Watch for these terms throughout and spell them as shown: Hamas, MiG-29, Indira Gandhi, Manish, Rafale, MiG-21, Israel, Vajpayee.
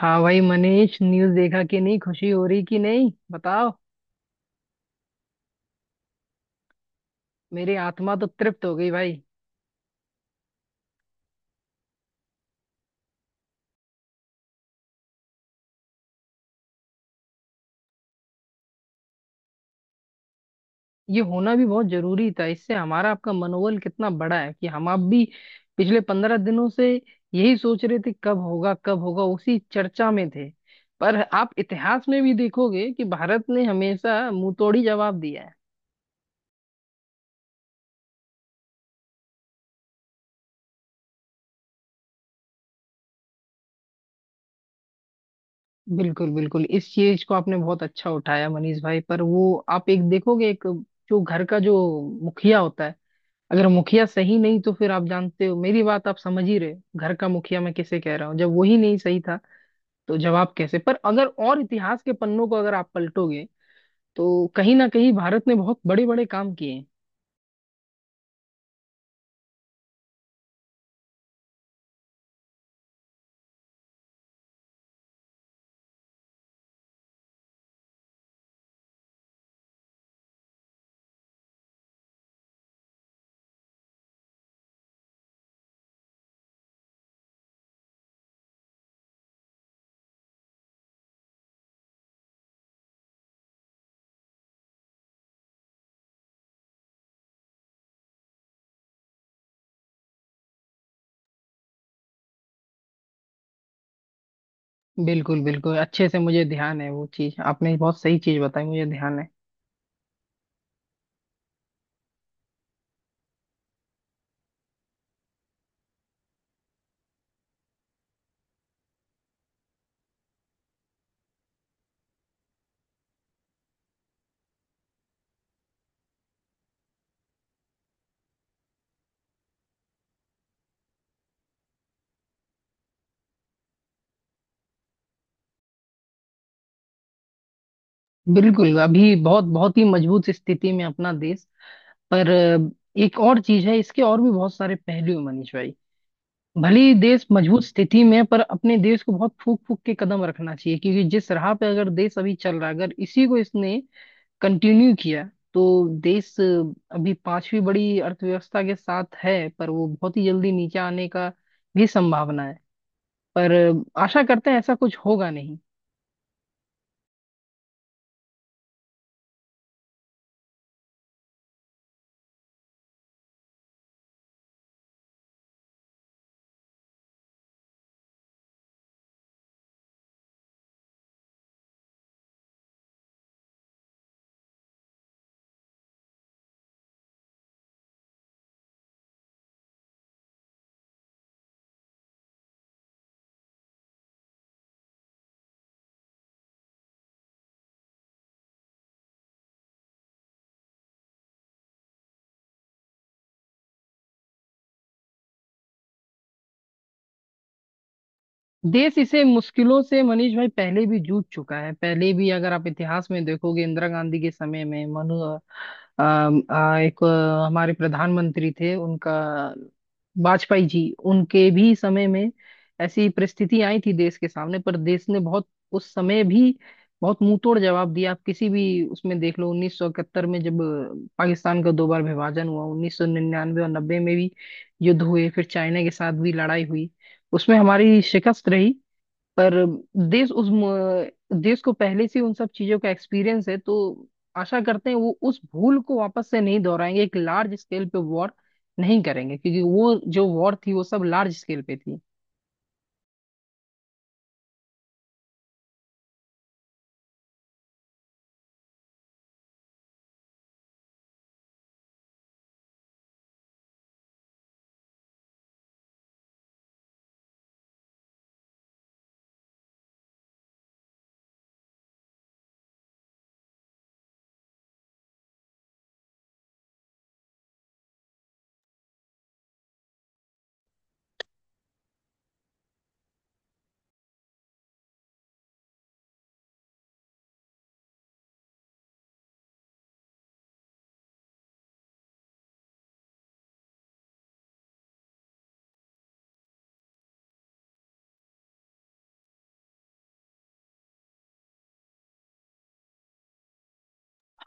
हाँ भाई मनीष, न्यूज़ देखा कि नहीं? खुशी हो रही कि नहीं बताओ। मेरी आत्मा तो तृप्त हो गई भाई। ये होना भी बहुत जरूरी था। इससे हमारा आपका मनोबल कितना बड़ा है कि हम आप भी पिछले 15 दिनों से यही सोच रहे थे कब होगा कब होगा, उसी चर्चा में थे। पर आप इतिहास में भी देखोगे कि भारत ने हमेशा मुंहतोड़ी जवाब दिया है। बिल्कुल बिल्कुल, इस चीज को आपने बहुत अच्छा उठाया मनीष भाई। पर वो आप एक देखोगे, एक जो घर का जो मुखिया होता है, अगर मुखिया सही नहीं तो फिर आप जानते हो, मेरी बात आप समझ ही रहे हो। घर का मुखिया मैं किसे कह रहा हूँ, जब वही नहीं सही था तो जवाब कैसे? पर अगर और इतिहास के पन्नों को अगर आप पलटोगे तो कहीं ना कहीं भारत ने बहुत बड़े बड़े काम किए हैं। बिल्कुल बिल्कुल, अच्छे से मुझे ध्यान है। वो चीज आपने बहुत सही चीज बताई, मुझे ध्यान है। बिल्कुल, अभी बहुत बहुत ही मजबूत स्थिति में अपना देश। पर एक और चीज है, इसके और भी बहुत सारे पहलू हैं, मनीष भाई। भले ही देश मजबूत स्थिति में है, पर अपने देश को बहुत फूक फूक के कदम रखना चाहिए, क्योंकि जिस राह पे अगर देश अभी चल रहा है, अगर इसी को इसने कंटिन्यू किया तो देश अभी 5वीं बड़ी अर्थव्यवस्था के साथ है पर वो बहुत ही जल्दी नीचे आने का भी संभावना है। पर आशा करते हैं ऐसा कुछ होगा नहीं। देश इसे मुश्किलों से मनीष भाई पहले भी जूझ चुका है। पहले भी अगर आप इतिहास में देखोगे, इंदिरा गांधी के समय में मनु अम, आ, एक अ, हमारे प्रधानमंत्री थे उनका, वाजपेयी जी, उनके भी समय में ऐसी परिस्थिति आई थी देश के सामने, पर देश ने बहुत उस समय भी बहुत मुंहतोड़ जवाब दिया। आप किसी भी उसमें देख लो, 1971 में जब पाकिस्तान का दो बार विभाजन हुआ, 1999 और 90 में भी युद्ध हुए, फिर चाइना के साथ भी लड़ाई हुई, उसमें हमारी शिकस्त रही। पर देश देश को पहले से उन सब चीजों का एक्सपीरियंस है। तो आशा करते हैं वो उस भूल को वापस से नहीं दोहराएंगे, एक लार्ज स्केल पे वॉर नहीं करेंगे, क्योंकि वो जो वॉर थी वो सब लार्ज स्केल पे थी।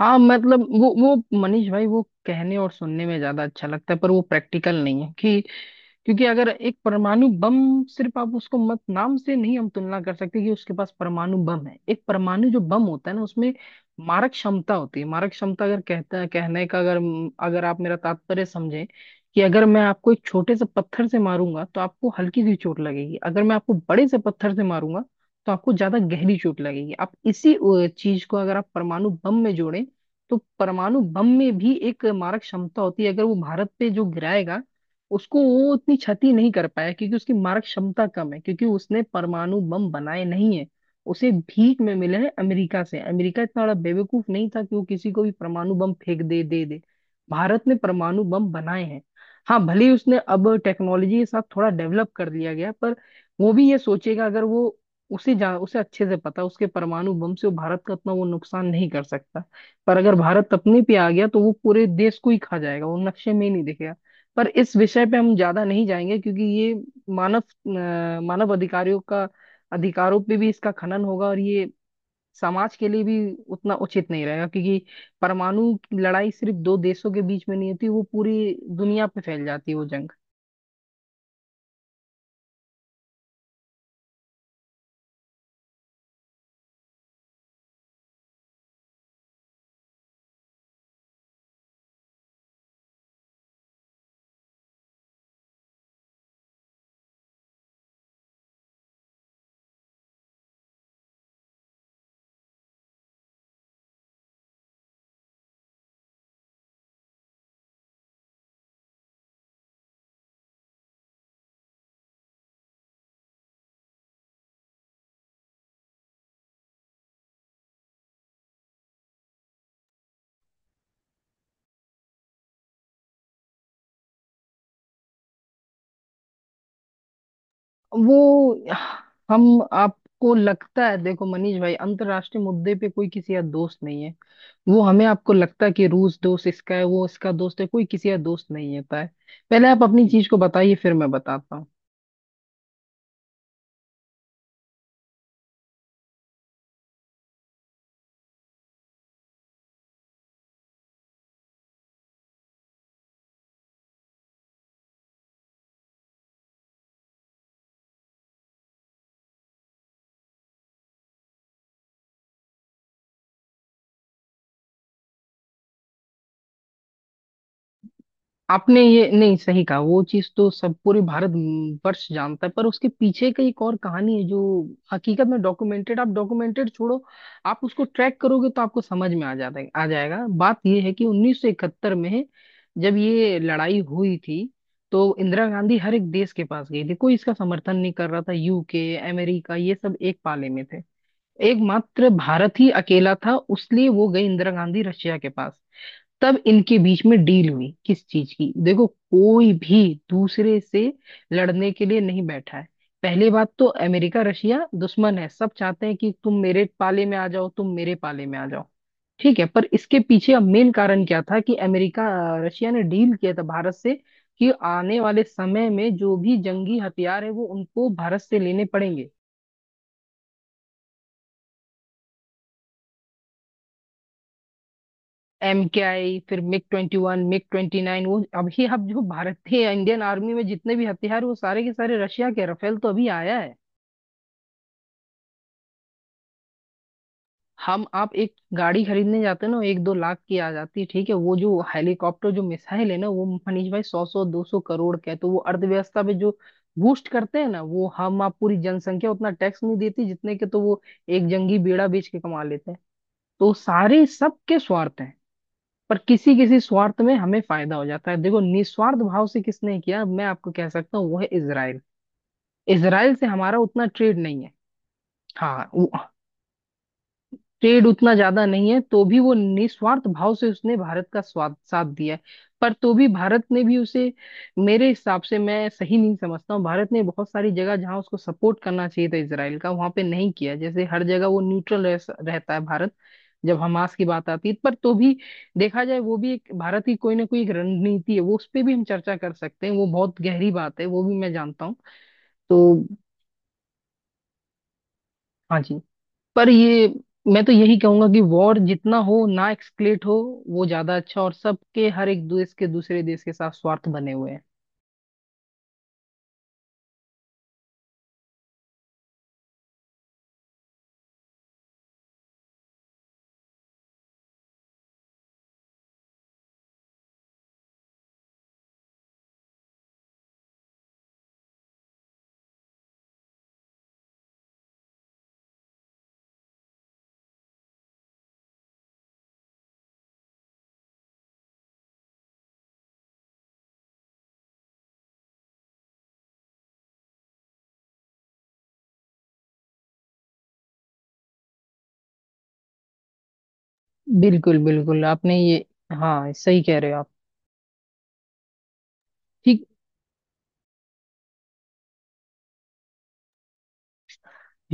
हाँ मतलब वो मनीष भाई, वो कहने और सुनने में ज्यादा अच्छा लगता है पर वो प्रैक्टिकल नहीं है। कि क्योंकि अगर एक परमाणु बम, सिर्फ आप उसको मत नाम से नहीं हम तुलना कर सकते कि उसके पास परमाणु बम है। एक परमाणु जो बम होता है ना, उसमें मारक क्षमता होती है। मारक क्षमता, अगर कहता कहने का, अगर अगर आप मेरा तात्पर्य समझें, कि अगर मैं आपको एक छोटे से पत्थर से मारूंगा तो आपको हल्की सी चोट लगेगी, अगर मैं आपको बड़े से पत्थर से मारूंगा तो आपको ज्यादा गहरी चोट लगेगी। आप इसी चीज को अगर आप परमाणु बम में जोड़ें तो परमाणु बम में भी एक मारक क्षमता होती है। अगर वो भारत पे जो गिराएगा, उसको वो उतनी क्षति नहीं कर पाया, क्योंकि उसकी मारक क्षमता कम है, क्योंकि उसने परमाणु बम बनाए नहीं है, उसे भीख में मिले हैं अमेरिका से। अमेरिका इतना बड़ा बेवकूफ नहीं था कि वो किसी को भी परमाणु बम फेंक दे दे दे। भारत ने परमाणु बम बनाए हैं। हाँ भले ही उसने अब टेक्नोलॉजी के साथ थोड़ा डेवलप कर लिया गया, पर वो भी ये सोचेगा। अगर वो, उसे अच्छे से पता, उसके परमाणु बम से वो भारत का इतना वो नुकसान नहीं कर सकता। पर अगर भारत अपने पे आ गया तो वो पूरे देश को ही खा जाएगा, वो नक्शे में ही नहीं दिखेगा। पर इस विषय पे हम ज्यादा नहीं जाएंगे, क्योंकि ये मानव अ, मानव अधिकारियों का अधिकारों पे भी इसका खनन होगा और ये समाज के लिए भी उतना उचित नहीं रहेगा, क्योंकि परमाणु की लड़ाई सिर्फ दो देशों के बीच में नहीं होती, वो पूरी दुनिया पे फैल जाती है वो जंग। वो, हम आपको लगता है देखो मनीष भाई, अंतर्राष्ट्रीय मुद्दे पे कोई किसी का दोस्त नहीं है। वो हमें आपको लगता है कि रूस दोस्त इसका है, वो इसका दोस्त है, कोई किसी का दोस्त नहीं होता है। पहले आप अपनी चीज को बताइए फिर मैं बताता हूँ। आपने ये नहीं सही कहा, वो चीज तो सब पूरे भारत वर्ष जानता है, पर उसके पीछे का एक और कहानी है जो हकीकत में डॉक्यूमेंटेड, आप डॉक्यूमेंटेड छोड़ो, आप उसको ट्रैक करोगे तो आपको समझ में आ जाता है, आ जाएगा। बात ये है कि 1971 में जब ये लड़ाई हुई थी, तो इंदिरा गांधी हर एक देश के पास गई थी, कोई इसका समर्थन नहीं कर रहा था, यूके अमेरिका ये सब एक पाले में थे, एकमात्र भारत ही अकेला था। उसलिए वो गई इंदिरा गांधी रशिया के पास, तब इनके बीच में डील हुई किस चीज की। देखो, कोई भी दूसरे से लड़ने के लिए नहीं बैठा है। पहली बात तो अमेरिका रशिया दुश्मन है, सब चाहते हैं कि तुम मेरे पाले में आ जाओ, तुम मेरे पाले में आ जाओ। ठीक है, पर इसके पीछे अब मेन कारण क्या था कि अमेरिका, रशिया ने डील किया था भारत से, कि आने वाले समय में जो भी जंगी हथियार है वो उनको भारत से लेने पड़ेंगे। एम के आई, फिर मिग-21, मिग-29, वो अभी अब जो भारत के इंडियन आर्मी में जितने भी हथियार, वो सारे के सारे रशिया के। राफेल तो अभी आया है। हम आप एक गाड़ी खरीदने जाते हैं ना, एक दो लाख की आ जाती है ठीक है, वो जो हेलीकॉप्टर जो मिसाइल है ना, वो मनीष भाई सौ सौ 200 करोड़ का है। तो वो अर्थव्यवस्था पे जो बूस्ट करते हैं ना, वो हम आप पूरी जनसंख्या उतना टैक्स नहीं देती जितने के, तो वो एक जंगी बेड़ा बेच के कमा लेते हैं। तो सारे सबके स्वार्थ हैं, पर किसी किसी स्वार्थ में हमें फायदा हो जाता है। देखो, निस्वार्थ भाव से किसने किया मैं आपको कह सकता हूँ, वो है इसराइल। इसराइल से हमारा उतना ट्रेड नहीं है। हाँ, ट्रेड उतना ज्यादा नहीं है, तो भी वो निस्वार्थ भाव से उसने भारत का स्वाद साथ दिया है। पर तो भी भारत ने भी उसे, मेरे हिसाब से मैं सही नहीं समझता हूँ, भारत ने बहुत सारी जगह जहाँ उसको सपोर्ट करना चाहिए था इसराइल का, वहां पे नहीं किया। जैसे हर जगह वो न्यूट्रल रहता है भारत, जब हमास की बात आती है। पर तो भी देखा जाए वो भी एक भारत की कोई ना कोई एक रणनीति है, वो उस पर भी हम चर्चा कर सकते हैं। वो बहुत गहरी बात है, वो भी मैं जानता हूँ तो। हाँ जी। पर ये मैं तो यही कहूंगा कि वॉर जितना हो ना एक्सक्लेट हो, वो ज्यादा अच्छा। और सबके, हर एक देश के दूसरे देश के साथ स्वार्थ बने हुए हैं। बिल्कुल बिल्कुल, आपने ये, हाँ सही कह रहे हो आप। ठीक।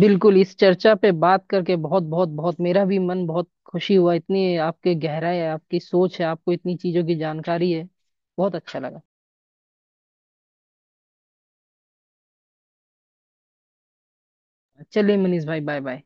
बिल्कुल, इस चर्चा पे बात करके बहुत बहुत बहुत मेरा भी मन बहुत खुशी हुआ। इतनी आपके गहराई है, आपकी सोच है, आपको इतनी चीजों की जानकारी है। बहुत अच्छा लगा। चलिए मनीष भाई, बाय बाय।